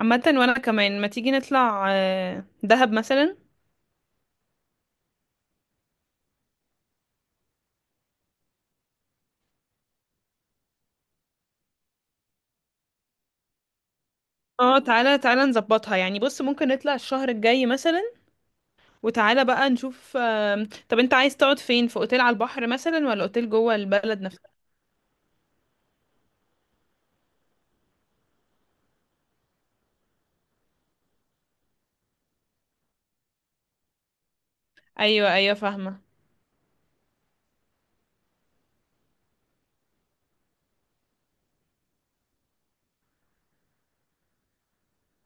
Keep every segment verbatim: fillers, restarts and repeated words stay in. عامة وانا كمان ما تيجي نطلع آه، دهب مثلا. اه، تعالى تعالى نظبطها، يعني بص ممكن نطلع الشهر الجاي مثلا. وتعالى بقى نشوف. آم، طب انت عايز تقعد فين، في اوتيل على البحر مثلا ولا اوتيل جوه البلد نفسها؟ ايوه ايوه، فاهمة.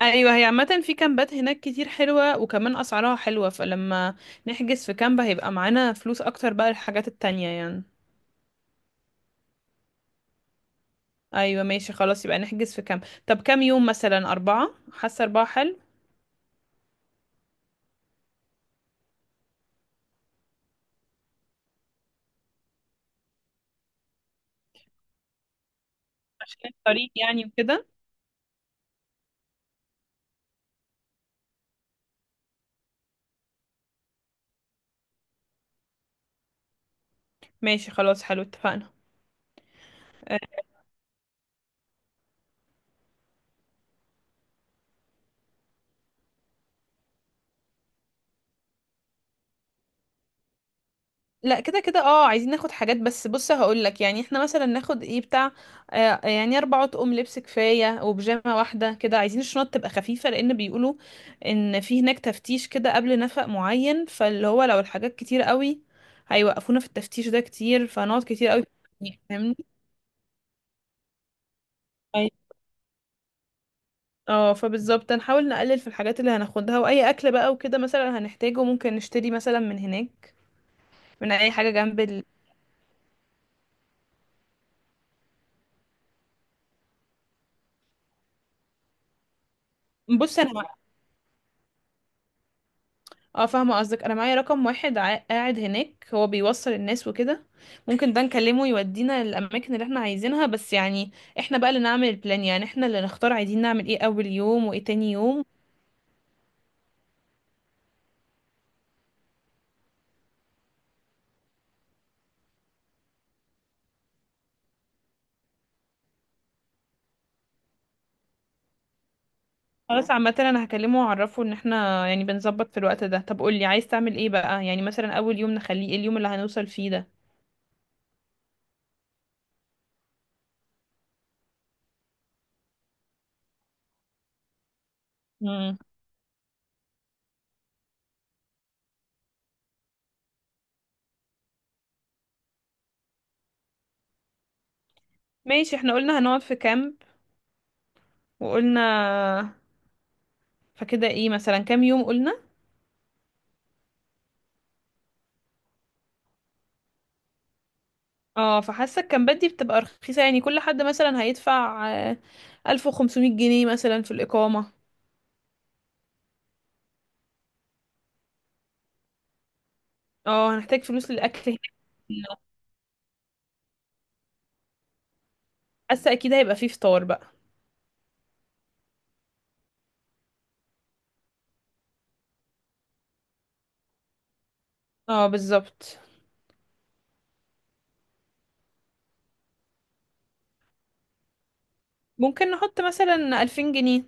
ايوه هي عامة في كامبات هناك كتير حلوة، وكمان اسعارها حلوة، فلما نحجز في كامب هيبقى معانا فلوس اكتر بقى للحاجات التانية يعني. ايوه ماشي خلاص، يبقى نحجز في كامب. طب كام يوم مثلا؟ اربعة؟ حاسة اربعة حلو، عشان الطريق يعني وكده. ماشي خلاص حلو، اتفقنا. آه، لا كده كده، اه عايزين ناخد حاجات، بس بص هقول لك يعني احنا مثلا ناخد ايه بتاع. آه يعني اربع اطقم لبس كفايه، وبيجامه واحده كده. عايزين الشنط تبقى خفيفه، لان بيقولوا ان في هناك تفتيش كده قبل نفق معين، فاللي هو لو الحاجات كتير قوي هيوقفونا في التفتيش ده كتير، فهنقعد كتير قوي. فاهمني. أي- اه فبالظبط هنحاول نقلل في الحاجات اللي هناخدها، واي اكل بقى وكده مثلا هنحتاجه ممكن نشتري مثلا من هناك، من اي حاجه جنب ال... بص انا، اه فاهمة قصدك. انا معايا رقم واحد ع- قاعد هناك، هو بيوصل الناس وكده، ممكن ده نكلمه يودينا الاماكن اللي احنا عايزينها، بس يعني احنا بقى اللي نعمل البلان، يعني احنا اللي نختار عايزين نعمل ايه اول يوم وايه تاني يوم. خلاص عامة انا هكلمه واعرفه ان احنا يعني بنظبط في الوقت ده. طب قولي عايز تعمل ايه بقى؟ يعني مثلا اول يوم نخليه ايه، اليوم اللي هنوصل فيه ده؟ مم. ماشي، احنا قلنا هنقعد في كامب، وقلنا، فكده ايه مثلا كام يوم قلنا. اه فحاسه الكامبات دي بتبقى رخيصه، يعني كل حد مثلا هيدفع آه، ألف وخمسمية جنيه مثلا في الإقامة. اه هنحتاج فلوس للأكل هناك. حاسه أكيد هيبقى فيه فطار بقى. اه بالظبط. ممكن نحط مثلا ألفين جنيه.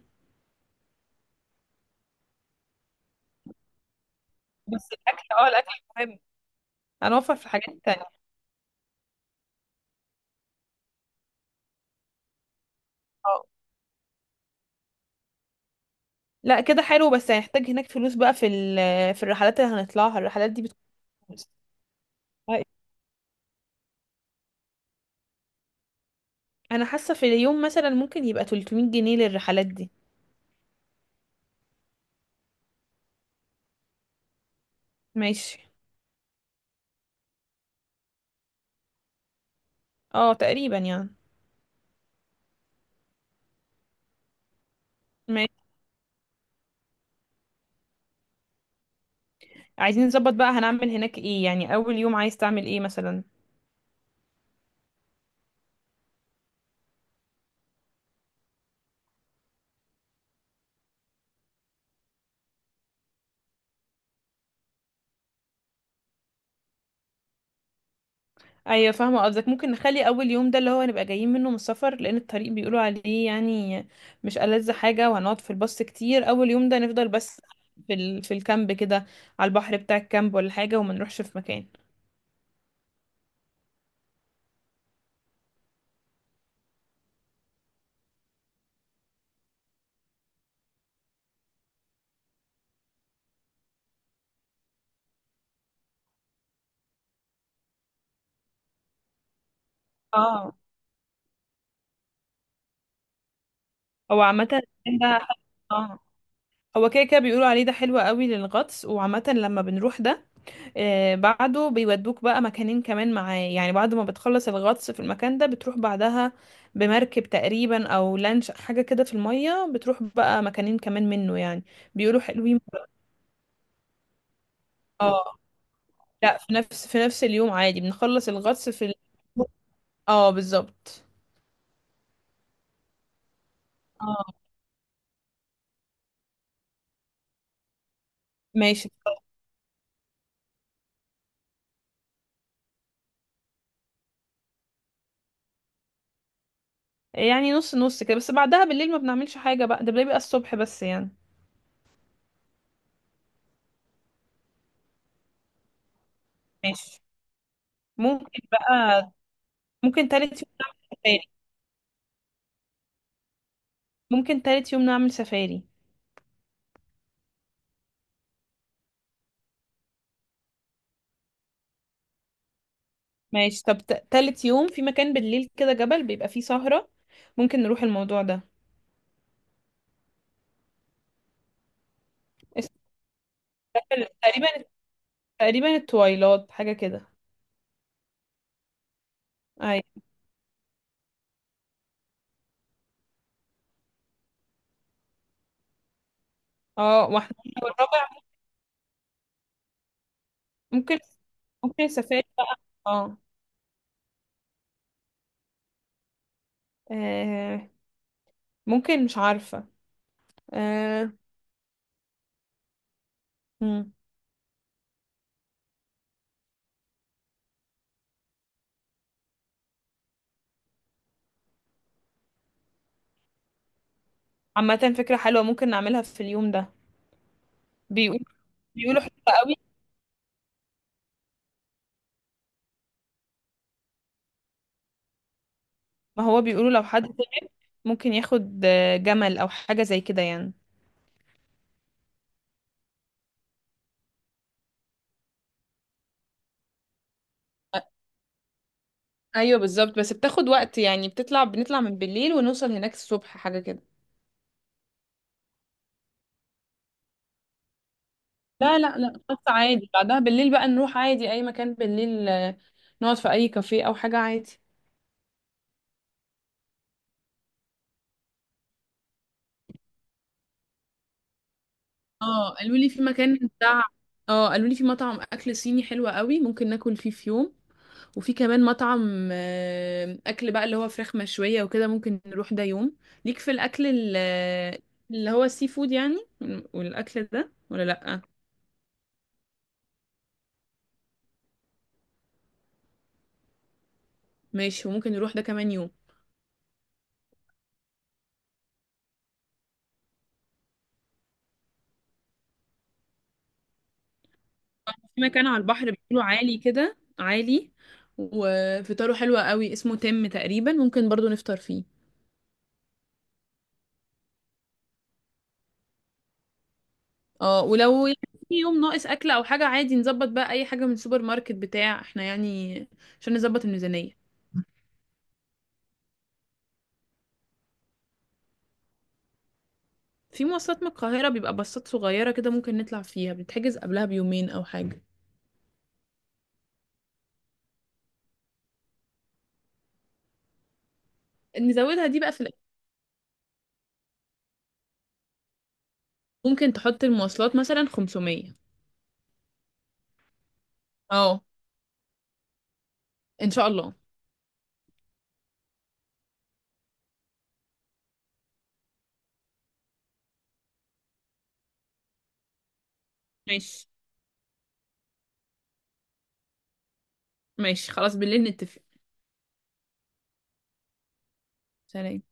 بس الأكل، اه الأكل مهم، هنوفر في حاجات تانية. اه لا كده حلو، بس هنحتاج هناك فلوس بقى في ال- في الرحلات اللي هنطلعها، الرحلات دي بتكون فلوس. طيب. أنا حاسة في اليوم مثلا ممكن يبقى ثلاثمية جنيه للرحلات دي. ماشي. اه تقريبا يعني. عايزين نظبط بقى هنعمل هناك ايه، يعني اول يوم عايز تعمل ايه مثلا؟ ايوه فاهمه قصدك. ممكن نخلي اول يوم ده اللي هو هنبقى جايين منه من السفر، لان الطريق بيقولوا عليه يعني مش ألذ حاجه، وهنقعد في الباص كتير. اول يوم ده نفضل بس في ال... في الكامب كده، على البحر بتاع الكامب ولا حاجه، وما نروحش في مكان. اه. هو عامه ده حلو. اه، هو كده كده بيقولوا عليه ده حلو قوي للغطس، وعامه لما بنروح ده آه، بعده بيودوك بقى مكانين كمان معاه، يعني بعد ما بتخلص الغطس في المكان ده بتروح بعدها بمركب تقريبا او لانش حاجة كده في المية، بتروح بقى مكانين كمان منه يعني. بيقولوا حلوين. اه لا، في نفس في نفس اليوم عادي، بنخلص الغطس في ال... اه بالظبط. اه ماشي. يعني نص نص كده، بس بعدها بالليل ما بنعملش حاجة بقى، ده بيبقى الصبح بس يعني. ماشي. ممكن بقى. ممكن تالت يوم نعمل سفاري ممكن تالت يوم نعمل سفاري. ماشي. طب ت- تالت يوم في مكان بالليل كده، جبل بيبقى فيه سهرة، ممكن نروح الموضوع ده. اسمه جبل- تقريبا، تقريبا التويلات حاجة كده. اي. اه. واحنا، والرابع ممكن، ممكن السفاري بقى. اه. آه، ممكن، مش عارفة. آه. مم. عامة فكرة حلوة، ممكن نعملها في اليوم ده. بيقول بيقولوا حلوة قوي. ما هو بيقولوا لو حد ممكن ياخد آه، جمل او حاجة زي كده يعني. ايوه بالظبط، بس بتاخد وقت، يعني بتطلع، بنطلع من بالليل ونوصل هناك الصبح حاجه كده. لا لا لا خلاص عادي، بعدها بالليل بقى نروح عادي اي مكان بالليل، آه، نقعد في اي كافيه او حاجة عادي. اه قالوا لي في مكان بتاع، اه قالوا لي في مطعم اكل صيني حلو قوي، ممكن ناكل فيه في يوم. وفي كمان مطعم آه، اكل بقى اللي هو فراخ مشويه وكده، ممكن نروح ده يوم. ليك في الاكل ال- اللي هو السي فود يعني، والاكل ده ولا لا؟ ماشي، وممكن نروح ده كمان يوم. في مكان على البحر، بيقولوا عالي كده عالي وفطاره حلو قوي، اسمه تم تقريبا، ممكن برضو نفطر فيه. اه، ولو يعني في يوم ناقص اكل او حاجه عادي نظبط بقى اي حاجه من السوبر ماركت بتاع احنا يعني، عشان نظبط الميزانيه. في مواصلات من القاهره، بيبقى باصات صغيره كده، ممكن نطلع فيها، بتتحجز قبلها بيومين او حاجه. نزودها دي بقى في الأكل. ممكن تحط المواصلات مثلا خمسمية. اه ان شاء الله. ماشي ماشي. خلاص بالليل نتفق. سلام.